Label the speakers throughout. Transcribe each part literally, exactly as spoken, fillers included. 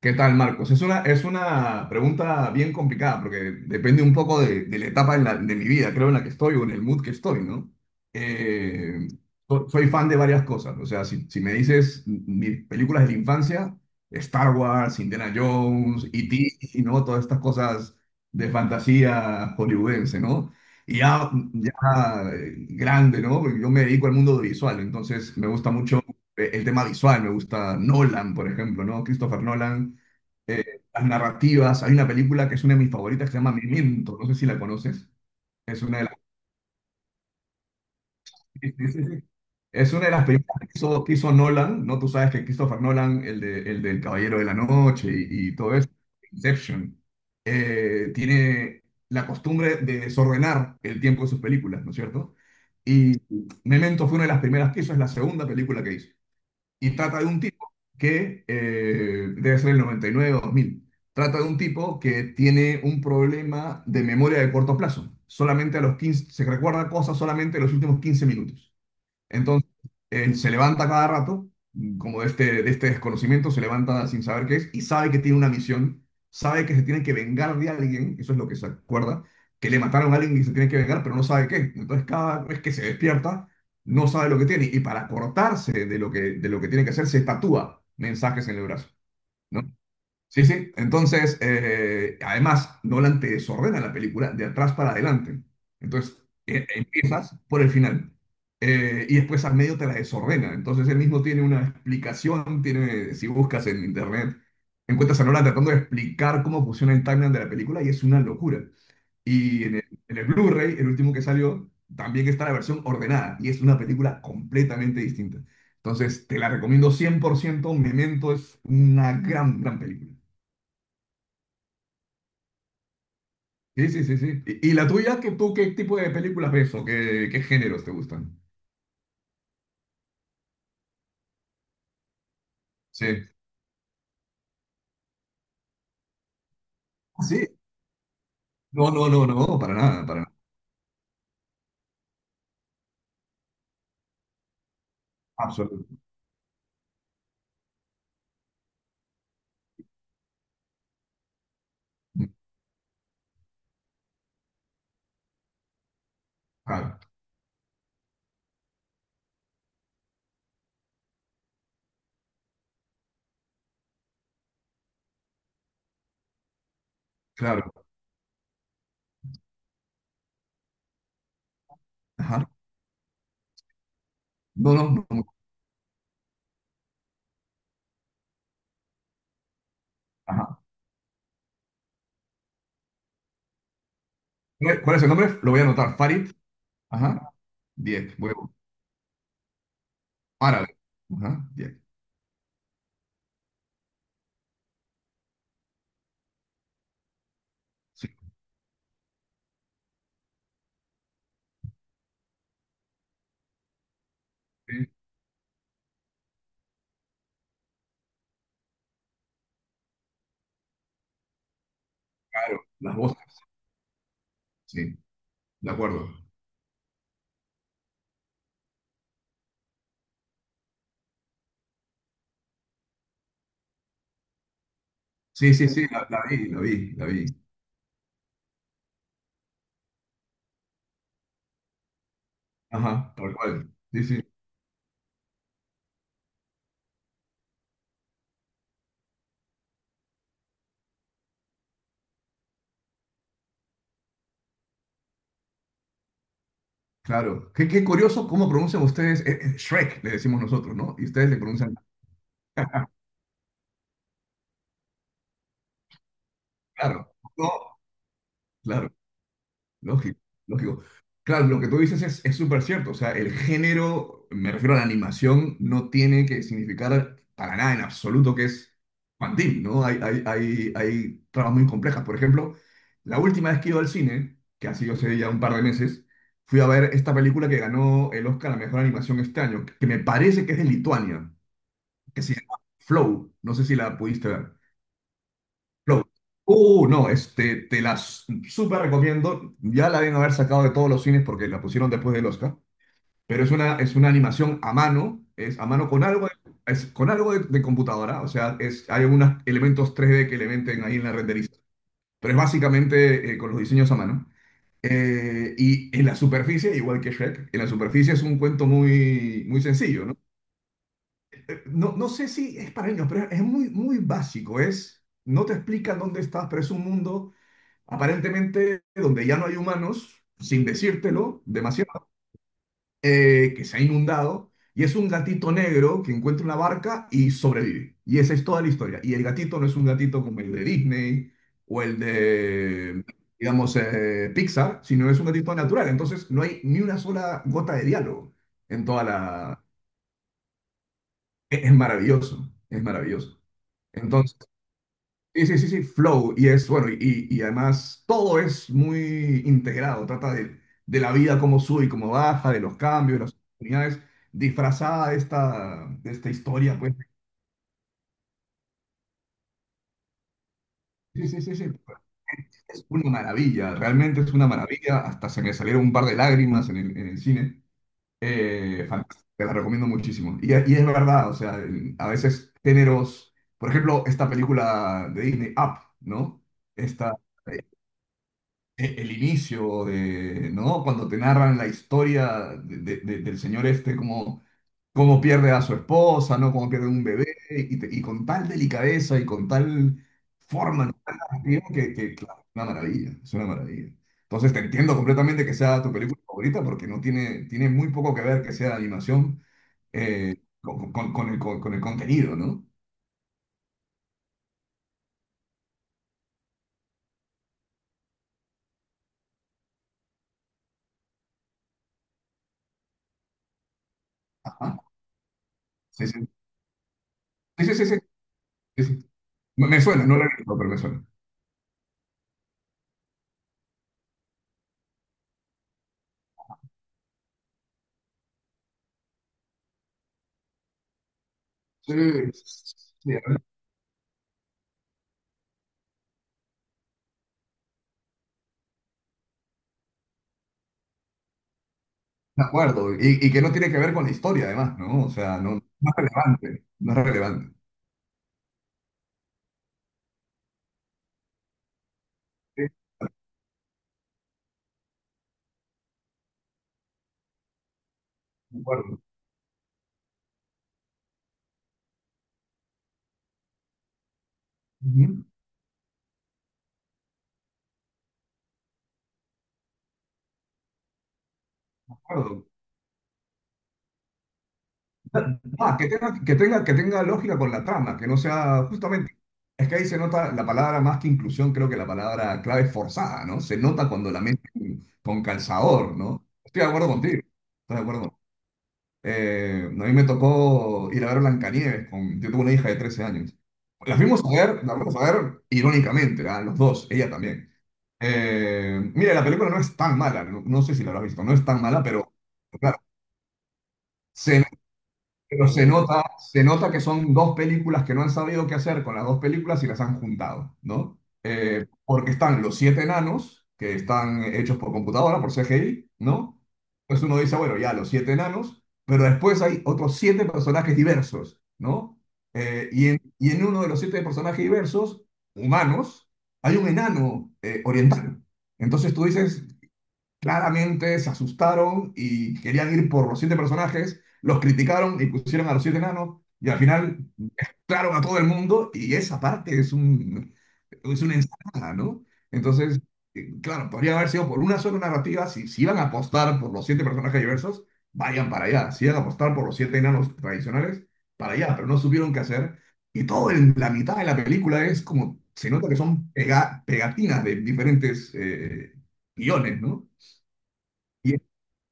Speaker 1: ¿Qué tal, Marcos? Es una, es una pregunta bien complicada, porque depende un poco de, de la etapa en la- de mi vida, creo, en la que estoy, o en el mood que estoy, ¿no? Eh, so- Soy fan de varias cosas. O sea, si, si me dices mis películas de la infancia, Star Wars, Indiana Jones, E T, y ¿no? Todas estas cosas de fantasía hollywoodense, ¿no? Y ya, ya eh, grande, ¿no? Porque yo me dedico al mundo audiovisual, entonces me gusta mucho eh, el tema visual. Me gusta Nolan, por ejemplo, ¿no? Christopher Nolan, eh, las narrativas. Hay una película que es una de mis favoritas, que se llama Memento, no sé si la conoces. Es una de las, Sí, sí, sí, sí. Es una de las películas que hizo, que hizo Nolan, ¿no? Tú sabes que Christopher Nolan, el, de, el del Caballero de la Noche, y, y todo eso, Inception, eh, tiene la costumbre de desordenar el tiempo de sus películas, ¿no es cierto? Y Memento fue una de las primeras que hizo, es la segunda película que hizo. Y trata de un tipo que eh, debe ser el noventa y nueve o dos mil. Trata de un tipo que tiene un problema de memoria de corto plazo. Solamente a los quince se recuerda cosas, solamente en los últimos quince minutos. Entonces, él se levanta cada rato, mm, como de este, de este desconocimiento, se levanta sin saber qué es, y sabe que tiene una misión, sabe que se tiene que vengar de alguien. Eso es lo que se acuerda, que le mataron a alguien y se tiene que vengar, pero no sabe qué. Entonces, cada vez que se despierta, no sabe lo que tiene, y para cortarse de lo que, de lo que tiene que hacer, se tatúa mensajes en el brazo, ¿no? Sí, sí. Entonces, eh, además, Nolan te desordena la película de atrás para adelante. Entonces, eh, empiezas por el final, eh, y después al medio te la desordena. Entonces, él mismo tiene una explicación, tiene, si buscas en internet, encuentras a Nolan tratando de explicar cómo funciona el timeline de la película, y es una locura. Y en el, en el Blu-ray, el último que salió, también está la versión ordenada, y es una película completamente distinta. Entonces, te la recomiendo cien por ciento. Memento es una gran, gran película. Sí, sí, sí, sí. ¿Y, y la tuya? ¿Qué, tú qué tipo de películas ves, o qué, qué géneros te gustan? Sí. Ah, sí. No, no, no, no, para nada, para nada. Absolutamente. Claro, claro. Ajá. No, no, no, no. Ajá. ¿Cuál cuál es el nombre? Lo voy a anotar. Farid. Ajá. Diez. Huevo. Árabe. Ajá. Diez. Sí. Sí, claro. Las voces. Sí. De acuerdo. Sí, sí, sí. La, la vi, la vi, la vi. Ajá. Tal cual. Sí, sí. Claro. Qué, qué curioso cómo pronuncian ustedes. eh, eh, Shrek, le decimos nosotros, ¿no? Y ustedes le pronuncian. Claro, no, claro, lógico, lógico. Claro, lo que tú dices es, es súper cierto. O sea, el género, me refiero a la animación, no tiene que significar para nada en absoluto que es infantil, ¿no? Hay, hay, hay, hay tramas muy complejas. Por ejemplo, la última vez que iba al cine, que ha sido hace ya un par de meses, fui a ver esta película que ganó el Oscar a mejor animación este año, que me parece que es de Lituania, que se llama Flow. No sé si la pudiste ver. Flow. Uh, no, este, te la s- súper recomiendo. Ya la deben haber sacado de todos los cines, porque la pusieron después del Oscar. Pero es una, es una animación a mano, es a mano con algo, de- es con algo de, de computadora. O sea, es, hay algunos elementos tres d que le meten ahí en la renderización. Pero es básicamente eh, con los diseños a mano. Eh, y en la superficie, igual que Shrek, en la superficie es un cuento muy, muy sencillo, ¿no? Eh, No, no sé si es para niños, pero es muy, muy básico. Es, no te explican dónde estás, pero es un mundo aparentemente donde ya no hay humanos, sin decírtelo demasiado, eh, que se ha inundado, y es un gatito negro que encuentra una barca y sobrevive. Y esa es toda la historia. Y el gatito no es un gatito como el de Disney o el de, digamos, eh, Pixar, sino es un gatito natural. Entonces no hay ni una sola gota de diálogo en toda la... Es es maravilloso, es maravilloso. Entonces... Sí, sí, sí, sí, Flow. Y es bueno, y, y además todo es muy integrado. Trata de, de la vida, cómo sube y cómo baja, de los cambios, de las oportunidades, disfrazada de esta, de esta historia. Pues sí, sí, sí, sí. Es una maravilla, realmente es una maravilla. Hasta se me salieron un par de lágrimas en el, en el cine. Eh, fantástico, te la recomiendo muchísimo. Y, y es verdad. O sea, el- a veces géneros, por ejemplo, esta película de Disney, Up, ¿no? Esta. E- el inicio de, ¿no? Cuando te narran la historia de- de- de- del señor este, como cómo pierde a su esposa, ¿no? Cómo pierde un bebé, y, te- y con tal delicadeza y con tal forma narrativa, que, que, claro, es una maravilla, es una maravilla. Entonces, te entiendo completamente que sea tu película favorita, porque no tiene, tiene muy poco que ver que sea animación, eh, con, con- con el, con, con el contenido, ¿no? Ajá. Sí, sí, sí, sí, sí, sí, sí, sí. Me me suena, no lo he visto, pero me suena. Sí, sí. De acuerdo, y, y que no tiene que ver con la historia, además, ¿no? O sea, no, no es relevante, no es relevante. Sí, de acuerdo. Ujú, de acuerdo. Ah, que tenga, que tenga, que tenga lógica con la trama, que no sea justamente, es que ahí se nota la palabra, más que inclusión, creo que la palabra clave es forzada, ¿no? Se nota cuando la meten con calzador, ¿no? Estoy de acuerdo contigo, estoy de acuerdo. Eh, a mí me tocó ir a ver Blancanieves con, yo tuve una hija de trece años. La fuimos a ver, la fuimos a ver irónicamente, a los dos, ella también. Eh, mira, la película no es tan mala, no, no sé si la habrás visto, no es tan mala, pero claro, se pero se nota, se nota que son dos películas que no han sabido qué hacer con las dos películas, y las han juntado, ¿no? Eh, porque están los siete enanos, que están hechos por computadora, por C G I, ¿no? Entonces uno dice, bueno, ya los siete enanos, pero después hay otros siete personajes diversos, ¿no? Eh, y en, y en uno de los siete personajes diversos, humanos, hay un enano eh, oriental. Entonces tú dices, claramente se asustaron y querían ir por los siete personajes, los criticaron y pusieron a los siete enanos, y al final claro a todo el mundo, y esa parte es un, es una ensalada, ¿no? Entonces, eh, claro, podría haber sido por una sola narrativa. Si, si iban a apostar por los siete personajes diversos, vayan para allá; si iban a apostar por los siete enanos tradicionales, para allá, pero no supieron qué hacer, y todo en la mitad de la película es como, se nota que son pega- pegatinas de diferentes eh, guiones, ¿no? Y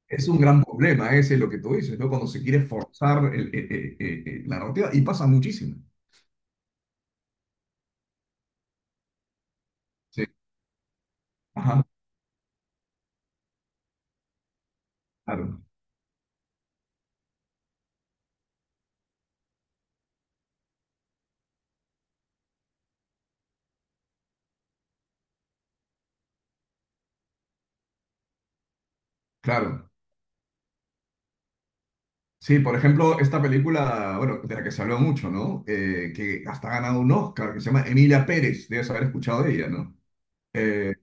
Speaker 1: es un gran problema ese lo que tú dices, ¿no? Cuando se quiere forzar el- eh, eh, eh, eh, la narrativa, y pasa muchísimo. Sí. Ajá, claro, claro. Sí, por ejemplo, esta película, bueno, de la que se habló mucho, ¿no? Eh, que hasta ha ganado un Oscar, que se llama Emilia Pérez, debes haber escuchado de ella, ¿no? Eh,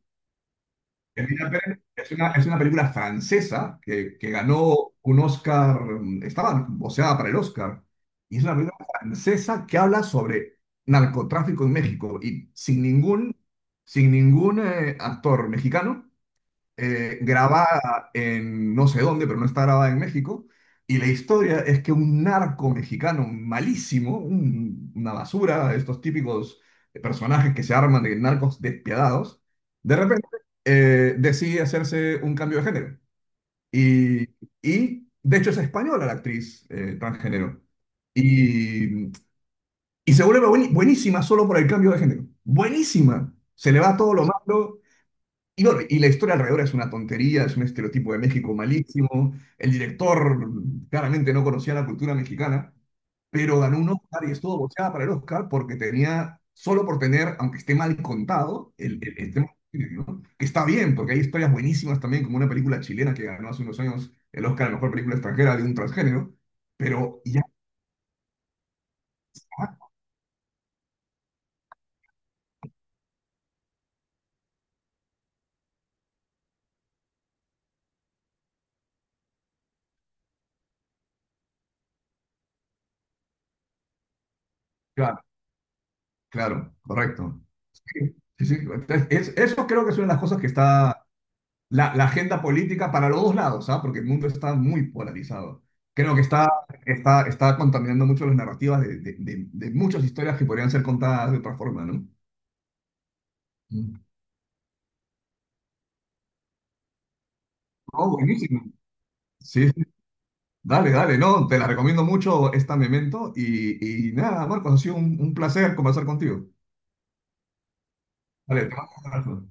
Speaker 1: Emilien Pérez es una, es una película francesa que, que ganó un Oscar, mm, estaba voceada para el Oscar, y es una película francesa que habla sobre narcotráfico en México, y sin ningún, sin ningún eh, actor mexicano, eh, grabada en no sé dónde, pero no está grabada en México. Y la historia es que un narco mexicano malísimo, un- una basura, estos típicos personajes que se arman de narcos despiadados, de repente eh, decide hacerse un cambio de género. Y, y, de hecho es española la actriz eh, transgénero. Y, y se vuelve bueni- buenísima solo por el cambio de género. Buenísima. Se le va todo lo malo, y bueno, y la historia alrededor es una tontería, es un estereotipo de México malísimo. El director claramente no conocía la cultura mexicana, pero ganó un Oscar y estuvo boceada para el Oscar porque tenía, solo por tener, aunque esté mal contado, el, el- el tema, ¿no? Que está bien, porque hay historias buenísimas también, como una película chilena que ganó hace unos años el Oscar a la mejor película extranjera, de un transgénero, pero ya está, claro, claro, correcto. Sí, sí, sí. Entonces, es- eso creo que es una de las cosas que está, la, la agenda política para los dos lados, ¿ah? Porque el mundo está muy polarizado. Creo que está, está, está contaminando mucho las narrativas de, de- de- de muchas historias que podrían ser contadas de otra forma, ¿no? Mm. Oh, buenísimo. Sí, sí. Dale, dale, no, te la recomiendo mucho esta Memento, y, y nada, Marcos, ha sido un, un placer conversar contigo. Vale, te mando un abrazo.